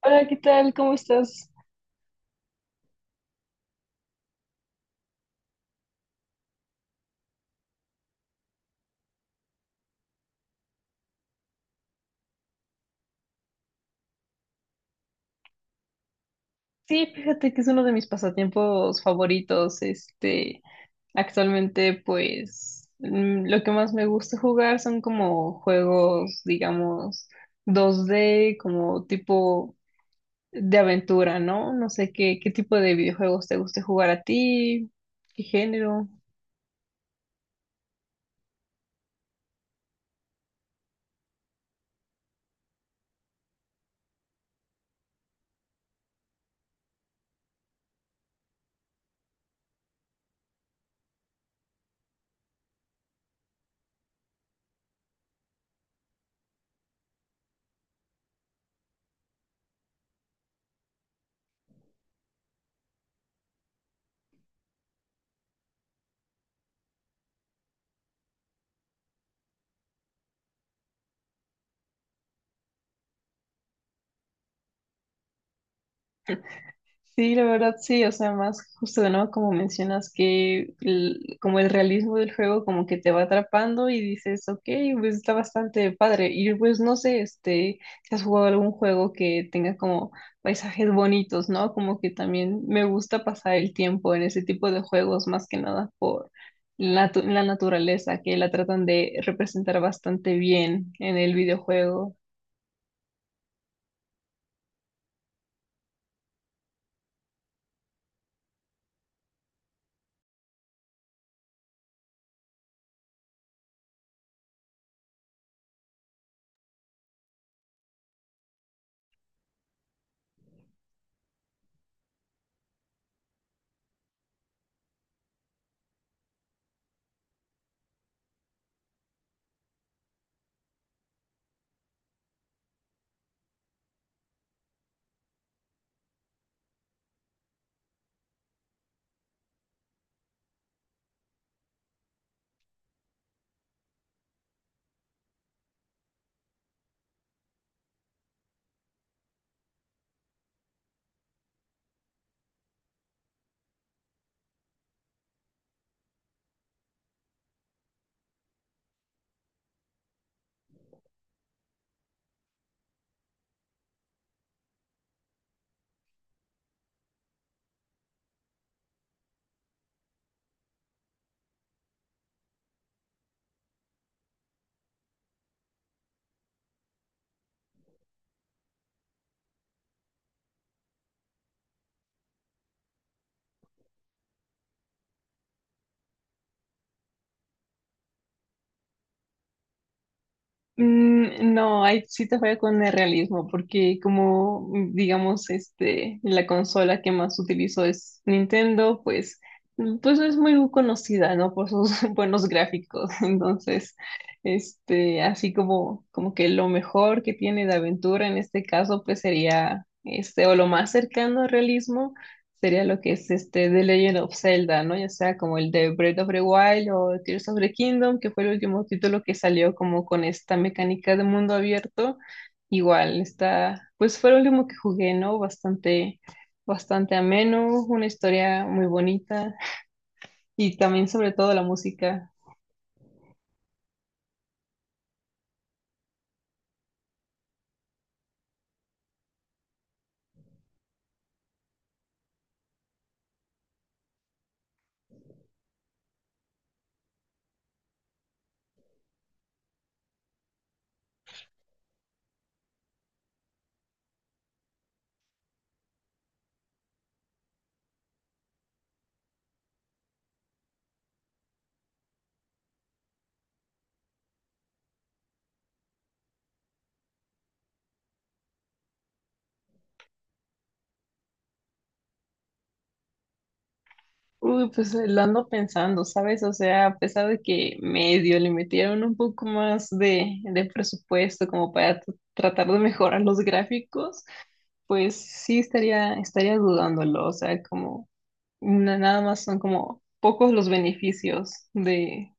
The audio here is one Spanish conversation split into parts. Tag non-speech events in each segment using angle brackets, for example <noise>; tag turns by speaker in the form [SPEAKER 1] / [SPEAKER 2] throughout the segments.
[SPEAKER 1] Hola, ¿qué tal? ¿Cómo estás? Sí, fíjate que es uno de mis pasatiempos favoritos. Este, actualmente, pues, lo que más me gusta jugar son como juegos, digamos, 2D, como tipo de aventura, ¿no? No sé qué tipo de videojuegos te guste jugar a ti, qué género. Sí, la verdad sí, o sea, más justo no como mencionas que como el realismo del juego como que te va atrapando y dices, ok, pues está bastante padre. Y pues no sé, este, si has jugado algún juego que tenga como paisajes bonitos, ¿no? Como que también me gusta pasar el tiempo en ese tipo de juegos más que nada por la naturaleza, que la tratan de representar bastante bien en el videojuego. Mm, no, ahí sí te falla con el realismo, porque como digamos, este, la consola que más utilizo es Nintendo, pues, pues no es muy conocida, ¿no? Por sus <laughs> buenos gráficos. Entonces, este, así como, como que lo mejor que tiene de aventura en este caso, pues sería este, o lo más cercano al realismo sería lo que es este The Legend of Zelda, ¿no? Ya sea como el de Breath of the Wild o Tears of the Kingdom, que fue el último título que salió como con esta mecánica de mundo abierto. Igual, está, pues fue el último que jugué, ¿no? Bastante, bastante ameno, una historia muy bonita y también sobre todo la música. Uy, pues lo ando pensando, ¿sabes? O sea, a pesar de que medio le metieron un poco más de presupuesto como para tratar de mejorar los gráficos, pues sí estaría, estaría dudándolo. O sea, como nada más son como pocos los beneficios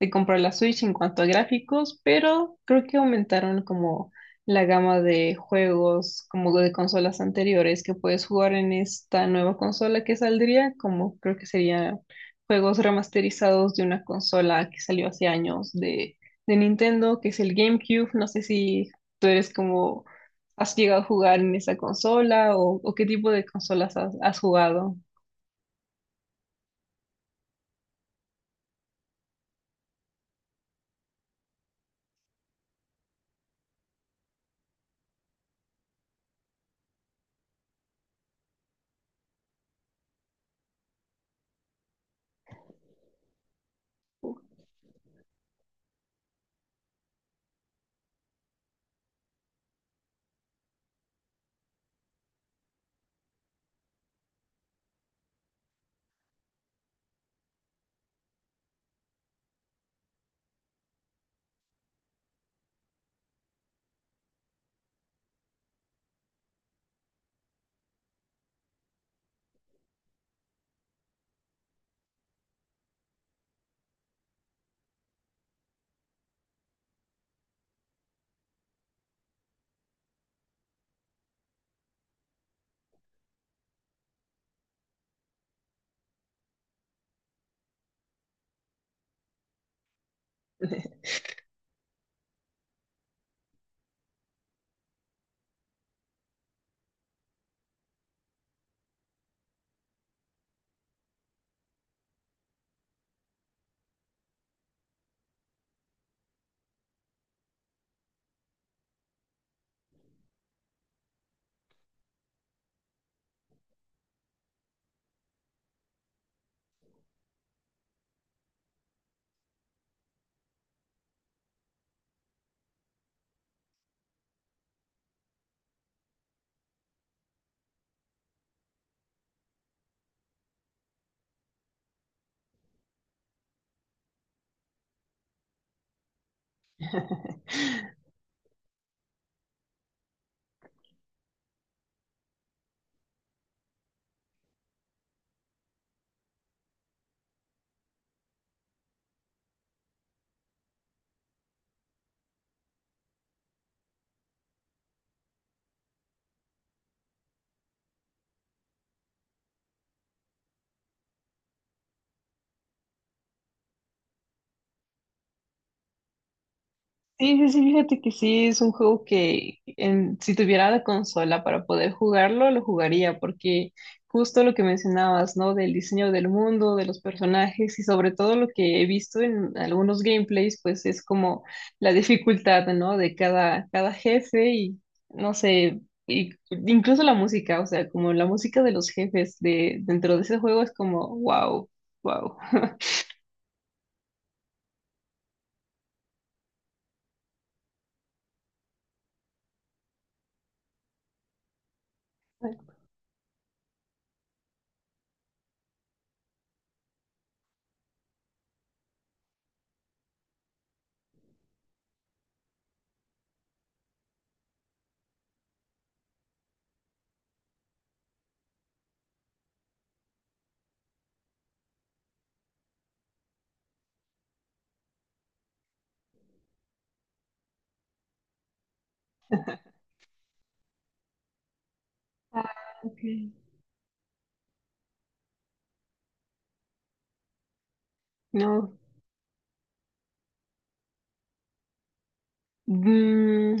[SPEAKER 1] de comprar la Switch en cuanto a gráficos, pero creo que aumentaron como la gama de juegos como de consolas anteriores que puedes jugar en esta nueva consola que saldría, como creo que serían juegos remasterizados de una consola que salió hace años de Nintendo, que es el GameCube. No sé si tú eres como, has llegado a jugar en esa consola o qué tipo de consolas has jugado. Sí, sí, sí, fíjate que sí, es un juego que si tuviera la consola para poder jugarlo, lo jugaría, porque justo lo que mencionabas, ¿no? Del diseño del mundo, de los personajes y sobre todo lo que he visto en algunos gameplays, pues es como la dificultad, ¿no? De cada, cada jefe y, no sé, y incluso la música, o sea, como la música de los jefes de, dentro de ese juego es como, wow, wow. Ah, ok. No. Mm.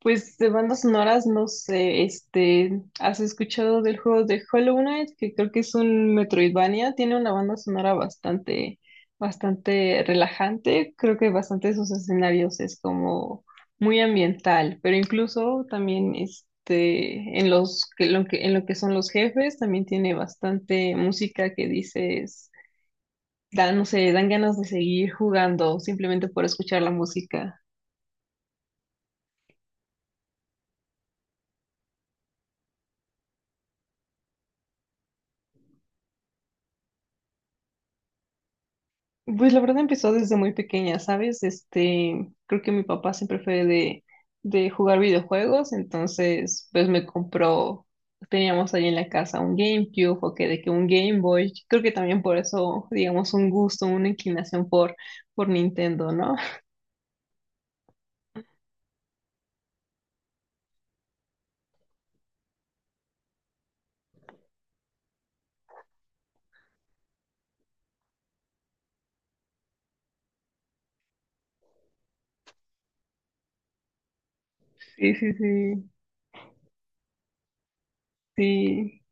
[SPEAKER 1] Pues de bandas sonoras, no sé, este, ¿has escuchado del juego de Hollow Knight? Que creo que es un Metroidvania, tiene una banda sonora bastante, bastante relajante, creo que bastante de sus escenarios es como muy ambiental, pero incluso también este, en los, que lo que, en lo que son los jefes, también tiene bastante música que dices, da, no sé, dan ganas de seguir jugando simplemente por escuchar la música. Pues la verdad empezó desde muy pequeña, ¿sabes? Este, creo que mi papá siempre fue de jugar videojuegos, entonces pues me compró, teníamos ahí en la casa un GameCube o que de que un Game Boy, creo que también por eso, digamos, un gusto, una inclinación por Nintendo, ¿no? Sí, sí, sí, sí,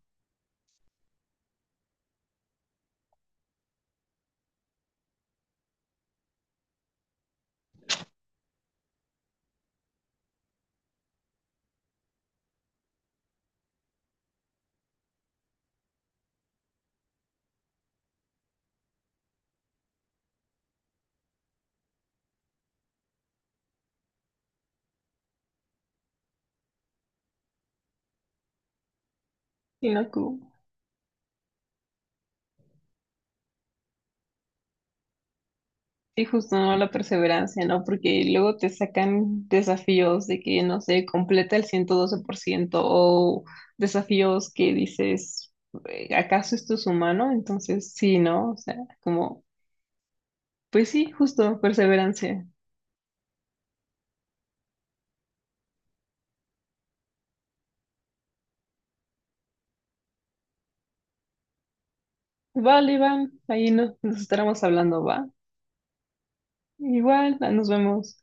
[SPEAKER 1] y no, cool. Sí, justo, ¿no? La perseverancia, ¿no? Porque luego te sacan desafíos de que, no sé, completa el 112% o desafíos que dices, ¿acaso esto es humano? Entonces, sí, ¿no? O sea, como, pues sí, justo, perseverancia. Vale, Iván, ahí nos, nos estaremos hablando, ¿va? Igual, nos vemos.